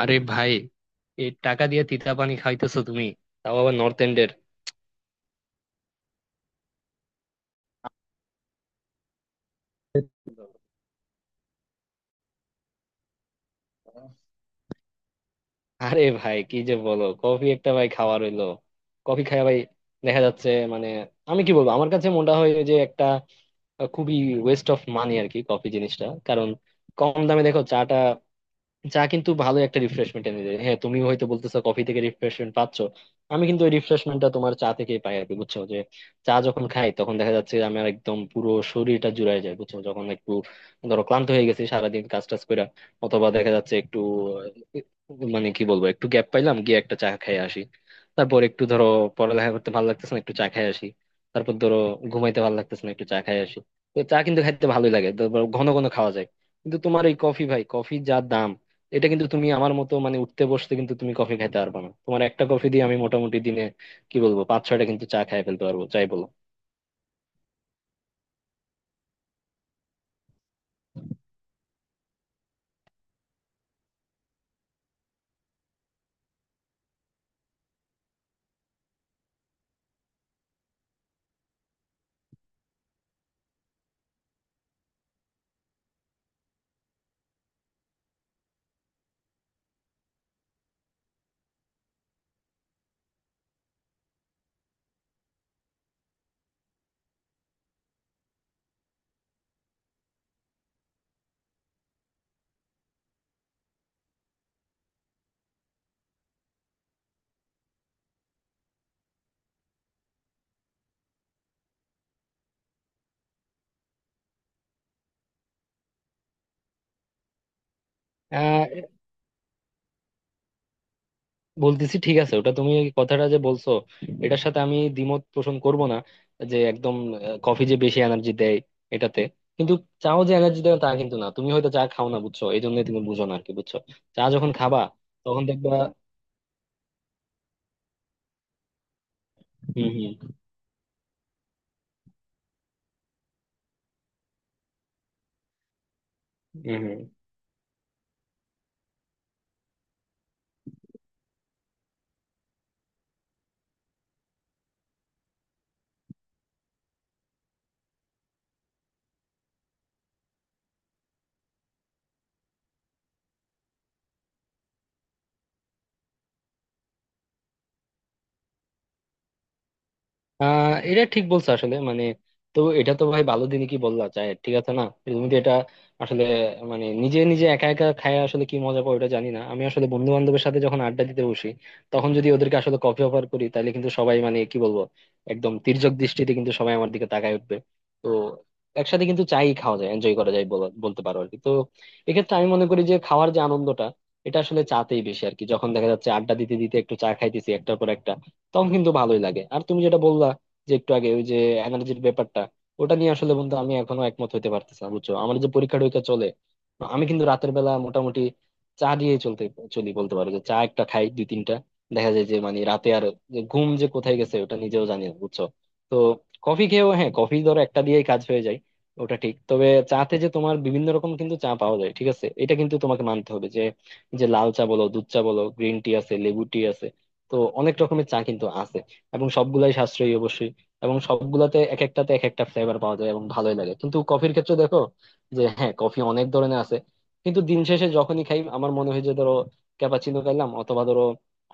আরে ভাই, এই টাকা দিয়ে তিতা পানি খাইতেছো তুমি? তাও আবার নর্থ এন্ডের। আরে ভাই, কি যে বলো! কফি একটা ভাই খাওয়া রইলো। কফি খায় ভাই, দেখা যাচ্ছে। মানে, আমি কি বলবো, আমার কাছে মনে হয় যে একটা খুবই ওয়েস্ট অফ মানি আর কি কফি জিনিসটা। কারণ কম দামে দেখো, চাটা চা কিন্তু ভালো একটা রিফ্রেশমেন্ট এনে দেয়। হ্যাঁ, তুমি হয়তো বলতেছো কফি থেকে রিফ্রেশমেন্ট পাচ্ছ। আমি কিন্তু ওই রিফ্রেশমেন্টটা তোমার চা থেকেই পাই আর কি, বুঝছো? যে চা যখন খাই, তখন দেখা যাচ্ছে যে আমার একদম পুরো শরীরটা জুড়ায় যায়, বুঝছো? যখন একটু ধরো ক্লান্ত হয়ে গেছি সারাদিন কাজ টাজ করে, অথবা দেখা যাচ্ছে একটু মানে কি বলবো, একটু গ্যাপ পাইলাম, গিয়ে একটা চা খেয়ে আসি। তারপর একটু ধরো, পড়ালেখা করতে ভালো লাগতেছে না, একটু চা খেয়ে আসি। তারপর ধরো, ঘুমাইতে ভালো লাগতেছে না, একটু চা খেয়ে আসি। তো চা কিন্তু খাইতে ভালোই লাগে, তারপর ঘন ঘন খাওয়া যায়। কিন্তু তোমার এই কফি, ভাই কফির যা দাম! এটা কিন্তু তুমি আমার মতো মানে উঠতে বসতে কিন্তু তুমি কফি খাইতে পারবে না। তোমার একটা কফি দিয়ে আমি মোটামুটি দিনে, কি বলবো, 5-6টা কিন্তু চা খাই ফেলতে পারবো, চাই বলো। আহ বলতেছি, ঠিক আছে, ওটা তুমি এই কথাটা যে বলছো, এটার সাথে আমি দ্বিমত পোষণ করব না, যে একদম কফি যে বেশি এনার্জি দেয়, এটাতে। কিন্তু চাও যে এনার্জি দেয় তা কিন্তু না। তুমি হয়তো চা খাও না, বুঝছো? এই জন্য তুমি বুঝো না আর কি, বুঝছো? চা যখন খাবা, তখন দেখবা। হম, হম, হম। এটা ঠিক বলছো আসলে, মানে। তো এটা তো ভাই ভালো, দিনে কি বললা? চায় ঠিক আছে না। তুমি তো এটা আসলে, মানে, নিজে নিজে একা একা খায়, আসলে কি মজা পাও এটা জানি না। আমি আসলে বন্ধু বান্ধবের সাথে যখন আড্ডা দিতে বসি, তখন যদি ওদেরকে আসলে কফি অফার করি, তাহলে কিন্তু সবাই, মানে কি বলবো, একদম তির্যক দৃষ্টিতে কিন্তু সবাই আমার দিকে তাকায় উঠবে। তো একসাথে কিন্তু চাই খাওয়া যায়, এনজয় করা যায় বলতে পারো আর কি। তো এক্ষেত্রে আমি মনে করি যে খাওয়ার যে আনন্দটা, এটা আসলে চাতেই বেশি আর কি। যখন দেখা যাচ্ছে আড্ডা দিতে দিতে একটু চা খাইতেছি একটার পর একটা, তখন কিন্তু ভালোই লাগে। আর তুমি যেটা বললা, যে একটু আগে ওই যে এনার্জির ব্যাপারটা, ওটা নিয়ে আসলে বন্ধু, আমি এখনো একমত হতে পারতেছি না, বুঝছো? আমার যে পরীক্ষা টরীক্ষা চলে, আমি কিন্তু রাতের বেলা মোটামুটি চা দিয়ে চলতে চলি বলতে পারো, যে চা একটা খাই 2-3টা। দেখা যায় যে মানে রাতে আর যে ঘুম যে কোথায় গেছে ওটা নিজেও জানি না, বুঝছো? তো কফি খেয়েও, হ্যাঁ, কফি ধরো একটা দিয়েই কাজ হয়ে যায়, ওটা ঠিক। তবে চাতে যে তোমার বিভিন্ন রকম কিন্তু চা পাওয়া যায়, ঠিক আছে, এটা কিন্তু তোমাকে মানতে হবে যে যে লাল চা বলো, দুধ চা বলো, গ্রিন টি আছে, লেবু টি আছে। তো অনেক রকমের চা কিন্তু আছে, এবং সবগুলাই সাশ্রয়ী অবশ্যই। এবং সবগুলাতে এক একটাতে এক একটা ফ্লেভার পাওয়া যায় এবং ভালোই লাগে। কিন্তু কফির ক্ষেত্রে দেখো, যে হ্যাঁ, কফি অনেক ধরনের আছে। কিন্তু দিন শেষে যখনই খাই আমার মনে হয় যে, ধরো ক্যাপাচিনো খাইলাম, অথবা ধরো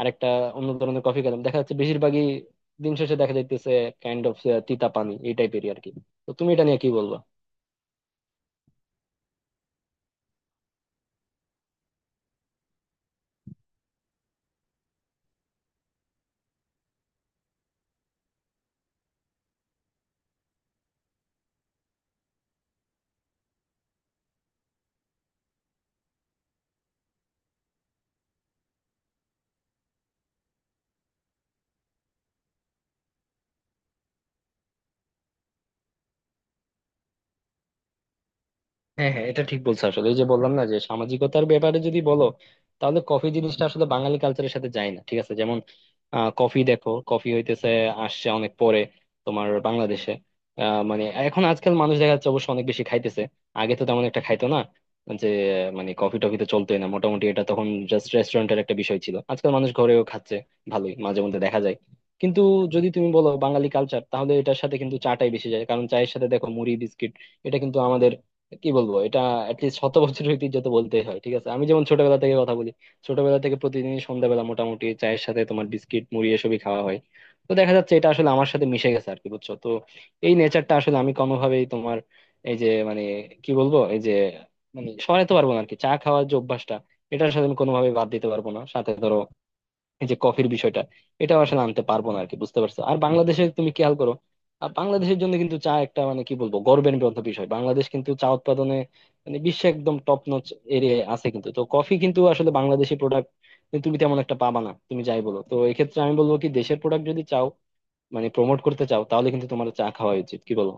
আরেকটা অন্য ধরনের কফি খেলাম, দেখা যাচ্ছে বেশিরভাগই দিন শেষে দেখা যাইতেছে কাইন্ড অফ তিতা পানি এই টাইপেরই আর কি। তো তুমি এটা নিয়ে কি বলবো? হ্যাঁ, হ্যাঁ, এটা ঠিক বলছো আসলে। এই যে বললাম না, যে সামাজিকতার ব্যাপারে যদি বলো, তাহলে কফি জিনিসটা আসলে বাঙালি কালচারের সাথে যায় না, ঠিক আছে। যেমন, কফি দেখো, কফি হইতেছে আসছে অনেক পরে তোমার বাংলাদেশে। আহ, মানে এখন আজকাল মানুষ দেখা যাচ্ছে অবশ্য অনেক বেশি খাইতেছে। আগে তো তেমন একটা খাইতো না। যে মানে কফি টফি তো চলতোই না মোটামুটি, এটা তখন জাস্ট রেস্টুরেন্টের একটা বিষয় ছিল। আজকাল মানুষ ঘরেও খাচ্ছে ভালোই, মাঝে মধ্যে দেখা যায়। কিন্তু যদি তুমি বলো বাঙালি কালচার, তাহলে এটার সাথে কিন্তু চাটাই বেশি যায়। কারণ চায়ের সাথে দেখো মুড়ি, বিস্কিট, এটা কিন্তু আমাদের, কি বলবো, এটা অ্যাটলিস্ট 100 বছরের ঐতিহ্য তো বলতেই হয়, ঠিক আছে। আমি যেমন ছোটবেলা থেকে কথা বলি, ছোটবেলা থেকে প্রতিদিন সন্ধ্যাবেলা মোটামুটি চায়ের সাথে তোমার বিস্কিট, মুড়ি এসবই খাওয়া হয়। তো দেখা যাচ্ছে এটা আসলে আমার সাথে মিশে গেছে আর কি, বুঝছো? তো এই নেচারটা আসলে আমি কোনোভাবেই তোমার, এই যে মানে, কি বলবো, এই যে মানে সরাতে পারবো না আর কি। চা খাওয়ার যে অভ্যাসটা, এটা আসলে আমি কোনোভাবেই বাদ দিতে পারবো না, সাথে ধরো এই যে কফির বিষয়টা, এটা আসলে আনতে পারবো না আর কি, বুঝতে পারছো? আর বাংলাদেশে তুমি খেয়াল করো। বাংলাদেশের জন্য কিন্তু চা একটা, মানে কি বলবো, গর্বের গ্রন্থ বিষয়। বাংলাদেশ কিন্তু চা উৎপাদনে মানে বিশ্বে একদম টপ নচ এরিয়ায় আছে কিন্তু। তো কফি কিন্তু আসলে বাংলাদেশি প্রোডাক্ট তুমি তেমন একটা পাবা না। তুমি যাই বলো, তো এক্ষেত্রে আমি বলবো কি, দেশের প্রোডাক্ট যদি চাও, মানে প্রমোট করতে চাও, তাহলে কিন্তু তোমার চা খাওয়া উচিত, কি বলো?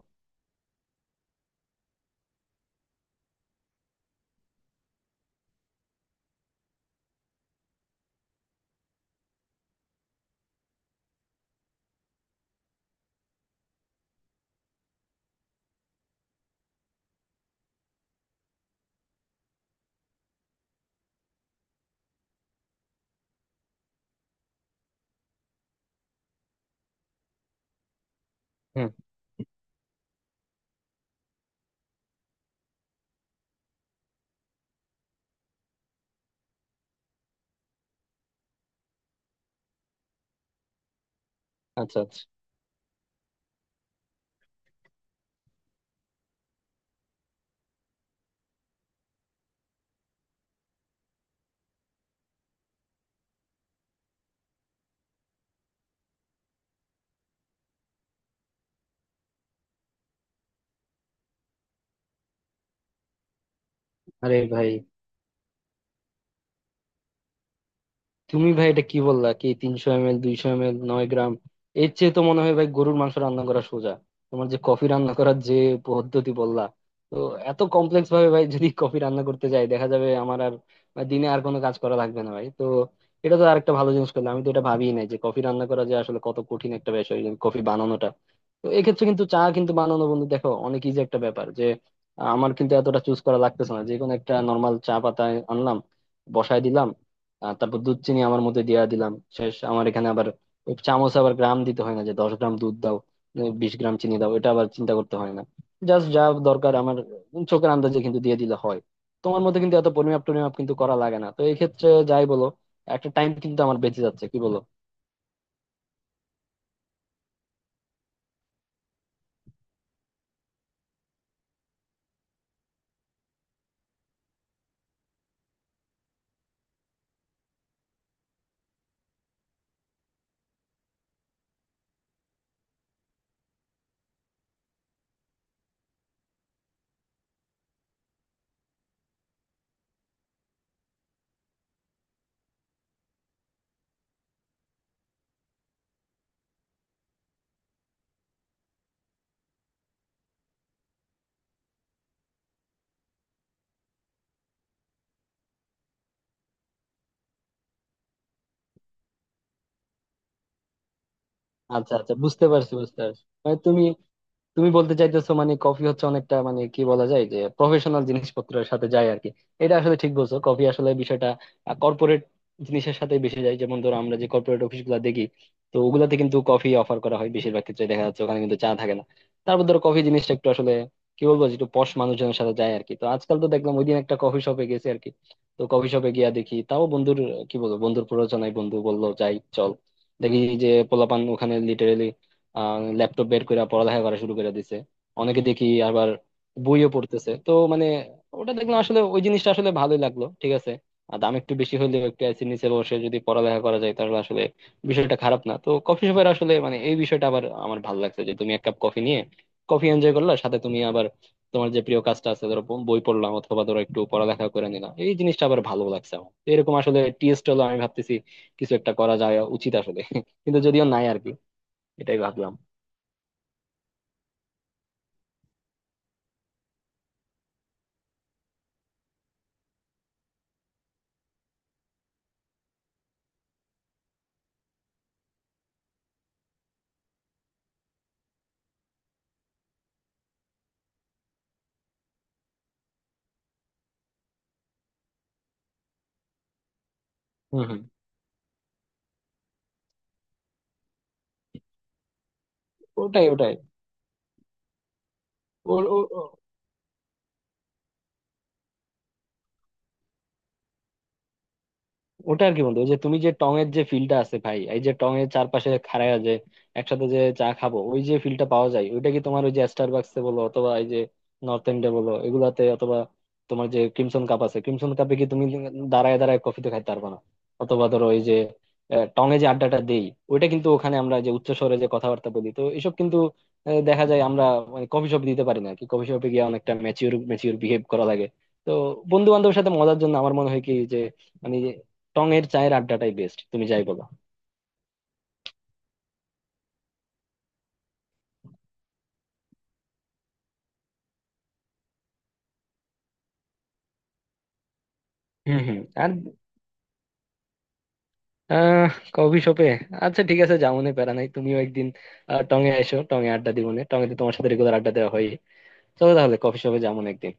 হুম। আচ্ছা, আচ্ছা। আরে ভাই, তুমি ভাই এটা কি বললা কি! 300 এমএল, 200 এমএল, 9 গ্রাম, এর চেয়ে তো মনে হয় ভাই গরুর মাংস রান্না করা সোজা। তোমার যে কফি রান্না করার যে পদ্ধতি বললা, তো এত কমপ্লেক্স ভাবে ভাই যদি কফি রান্না করতে যাই, দেখা যাবে আমার আর বা দিনে আর কোনো কাজ করা লাগবে না ভাই। তো এটা তো আরেকটা ভালো জিনিস করলাম, আমি তো এটা ভাবিই নাই যে কফি রান্না করা যে আসলে কত কঠিন একটা বিষয় কফি বানানোটা। তো এক্ষেত্রে কিন্তু চা কিন্তু বানানো বন্ধু দেখো অনেক ইজি একটা ব্যাপার, যে আমার কিন্তু এতটা চুজ করা লাগতেছে না। যে কোনো একটা নর্মাল চা পাতা আনলাম, বসায় দিলাম। তারপর দুধ, চিনি আমার মধ্যে দিয়া দিলাম, শেষ। আমার এখানে আবার ওই চামচ, আবার গ্রাম দিতে হয় না যে 10 গ্রাম দুধ দাও, 20 গ্রাম চিনি দাও, এটা আবার চিন্তা করতে হয় না। জাস্ট যা দরকার আমার চোখের আন্দাজে কিন্তু দিয়ে দিলে হয়। তোমার মধ্যে কিন্তু এত পরিমাপ টরিমাপ কিন্তু করা লাগে না। তো এই ক্ষেত্রে যাই বলো, একটা টাইম কিন্তু আমার বেঁচে যাচ্ছে, কি বলো? আচ্ছা, আচ্ছা, বুঝতে পারছি, বুঝতে পারছি। মানে তুমি তুমি বলতে চাইতেছো মানে কফি হচ্ছে অনেকটা, মানে কি বলা যায়, যে প্রফেশনাল জিনিসপত্রের সাথে যায় আর কি। এটা আসলে ঠিক বলছো, কফি আসলে বিষয়টা কর্পোরেট জিনিসের সাথে বেশি যায়। যেমন ধরো আমরা যে কর্পোরেট অফিস গুলা দেখি, তো ওগুলাতে কিন্তু কফি অফার করা হয় বেশিরভাগ ক্ষেত্রে, দেখা যাচ্ছে ওখানে কিন্তু চা থাকে না। তারপর ধরো কফি জিনিসটা একটু আসলে, কি বলবো, যে একটু পশ মানুষজনের সাথে যায় আর কি। তো আজকাল তো দেখলাম, ওইদিন একটা কফি শপে গেছি আর কি, তো কফি শপে গিয়া দেখি, তাও বন্ধুর, কি বলবো, বন্ধুর প্ররোচনায়, বন্ধু বললো যাই চল। দেখি যে পোলাপান ওখানে লিটারেলি ল্যাপটপ বের করে পড়ালেখা করা শুরু করে দিছে। অনেকে দেখি আবার বইও পড়তেছে। তো মানে, ওটা দেখলাম আসলে ওই জিনিসটা আসলে ভালোই লাগলো, ঠিক আছে। আর দাম একটু বেশি হলেও একটু এসির নিচে বসে যদি পড়ালেখা করা যায়, তাহলে আসলে বিষয়টা খারাপ না। তো কফি শপের আসলে মানে এই বিষয়টা আবার আমার ভালো লাগছে, যে তুমি এক কাপ কফি নিয়ে কফি এনজয় করলা, সাথে তুমি আবার তোমার যে প্রিয় কাজটা আছে, ধরো বই পড়লাম অথবা ধরো একটু পড়ালেখা করে নিলাম, এই জিনিসটা আবার ভালো লাগছে আমার। তো এরকম আসলে টিএস হলো, আমি ভাবতেছি কিছু একটা করা যায় উচিত আসলে, কিন্তু যদিও নাই আর কি। এটাই ভাবলাম। হম, হম। ওটাই, ওটাই। ওর- ও- ও- ওটা আর কি বন্ধু, ওই যে তুমি যে টং এর যে ফিলটা আছে ভাই, এই যে টং এর চারপাশে খাড়ায় যে একসাথে যে চা খাবো, ওই যে ফিলটা পাওয়া যায়, ওইটা কি তোমার ওই যে স্টারবাকসে বলো, অথবা এই যে নর্থ এন্ডে বলো এগুলাতে, অথবা তোমার যে ক্রিমসন কাপ আছে, ক্রিমসন কাপে কি তুমি দাঁড়ায় দাঁড়ায় কফি তো খাইতে পারবে না। অথবা ধরো এই যে টং এ যে আড্ডাটা দেই, ওইটা কিন্তু ওখানে আমরা যে উচ্চ স্বরে যে কথাবার্তা বলি, তো এসব কিন্তু দেখা যায় আমরা মানে কফি শপে দিতে পারি না আর কি। কফি শপে গিয়ে অনেকটা ম্যাচিওর ম্যাচিওর বিহেভ করা লাগে। তো বন্ধু বান্ধবের সাথে মজার জন্য আমার মনে হয় কি যে, মানে, টং এর চায়ের আড্ডাটাই বেস্ট, তুমি যাই বলো। হম, হম। আর আহ কফি শপে। আচ্ছা, ঠিক আছে, যাও মনে প্যারা নাই, তুমিও একদিন টঙে এসো, টঙে আড্ডা দিব মনে। টঙে তো তোমার সাথে রেগুলার আড্ডা দেওয়া হয়। চলো তাহলে কফি শপে যাও মনে একদিন।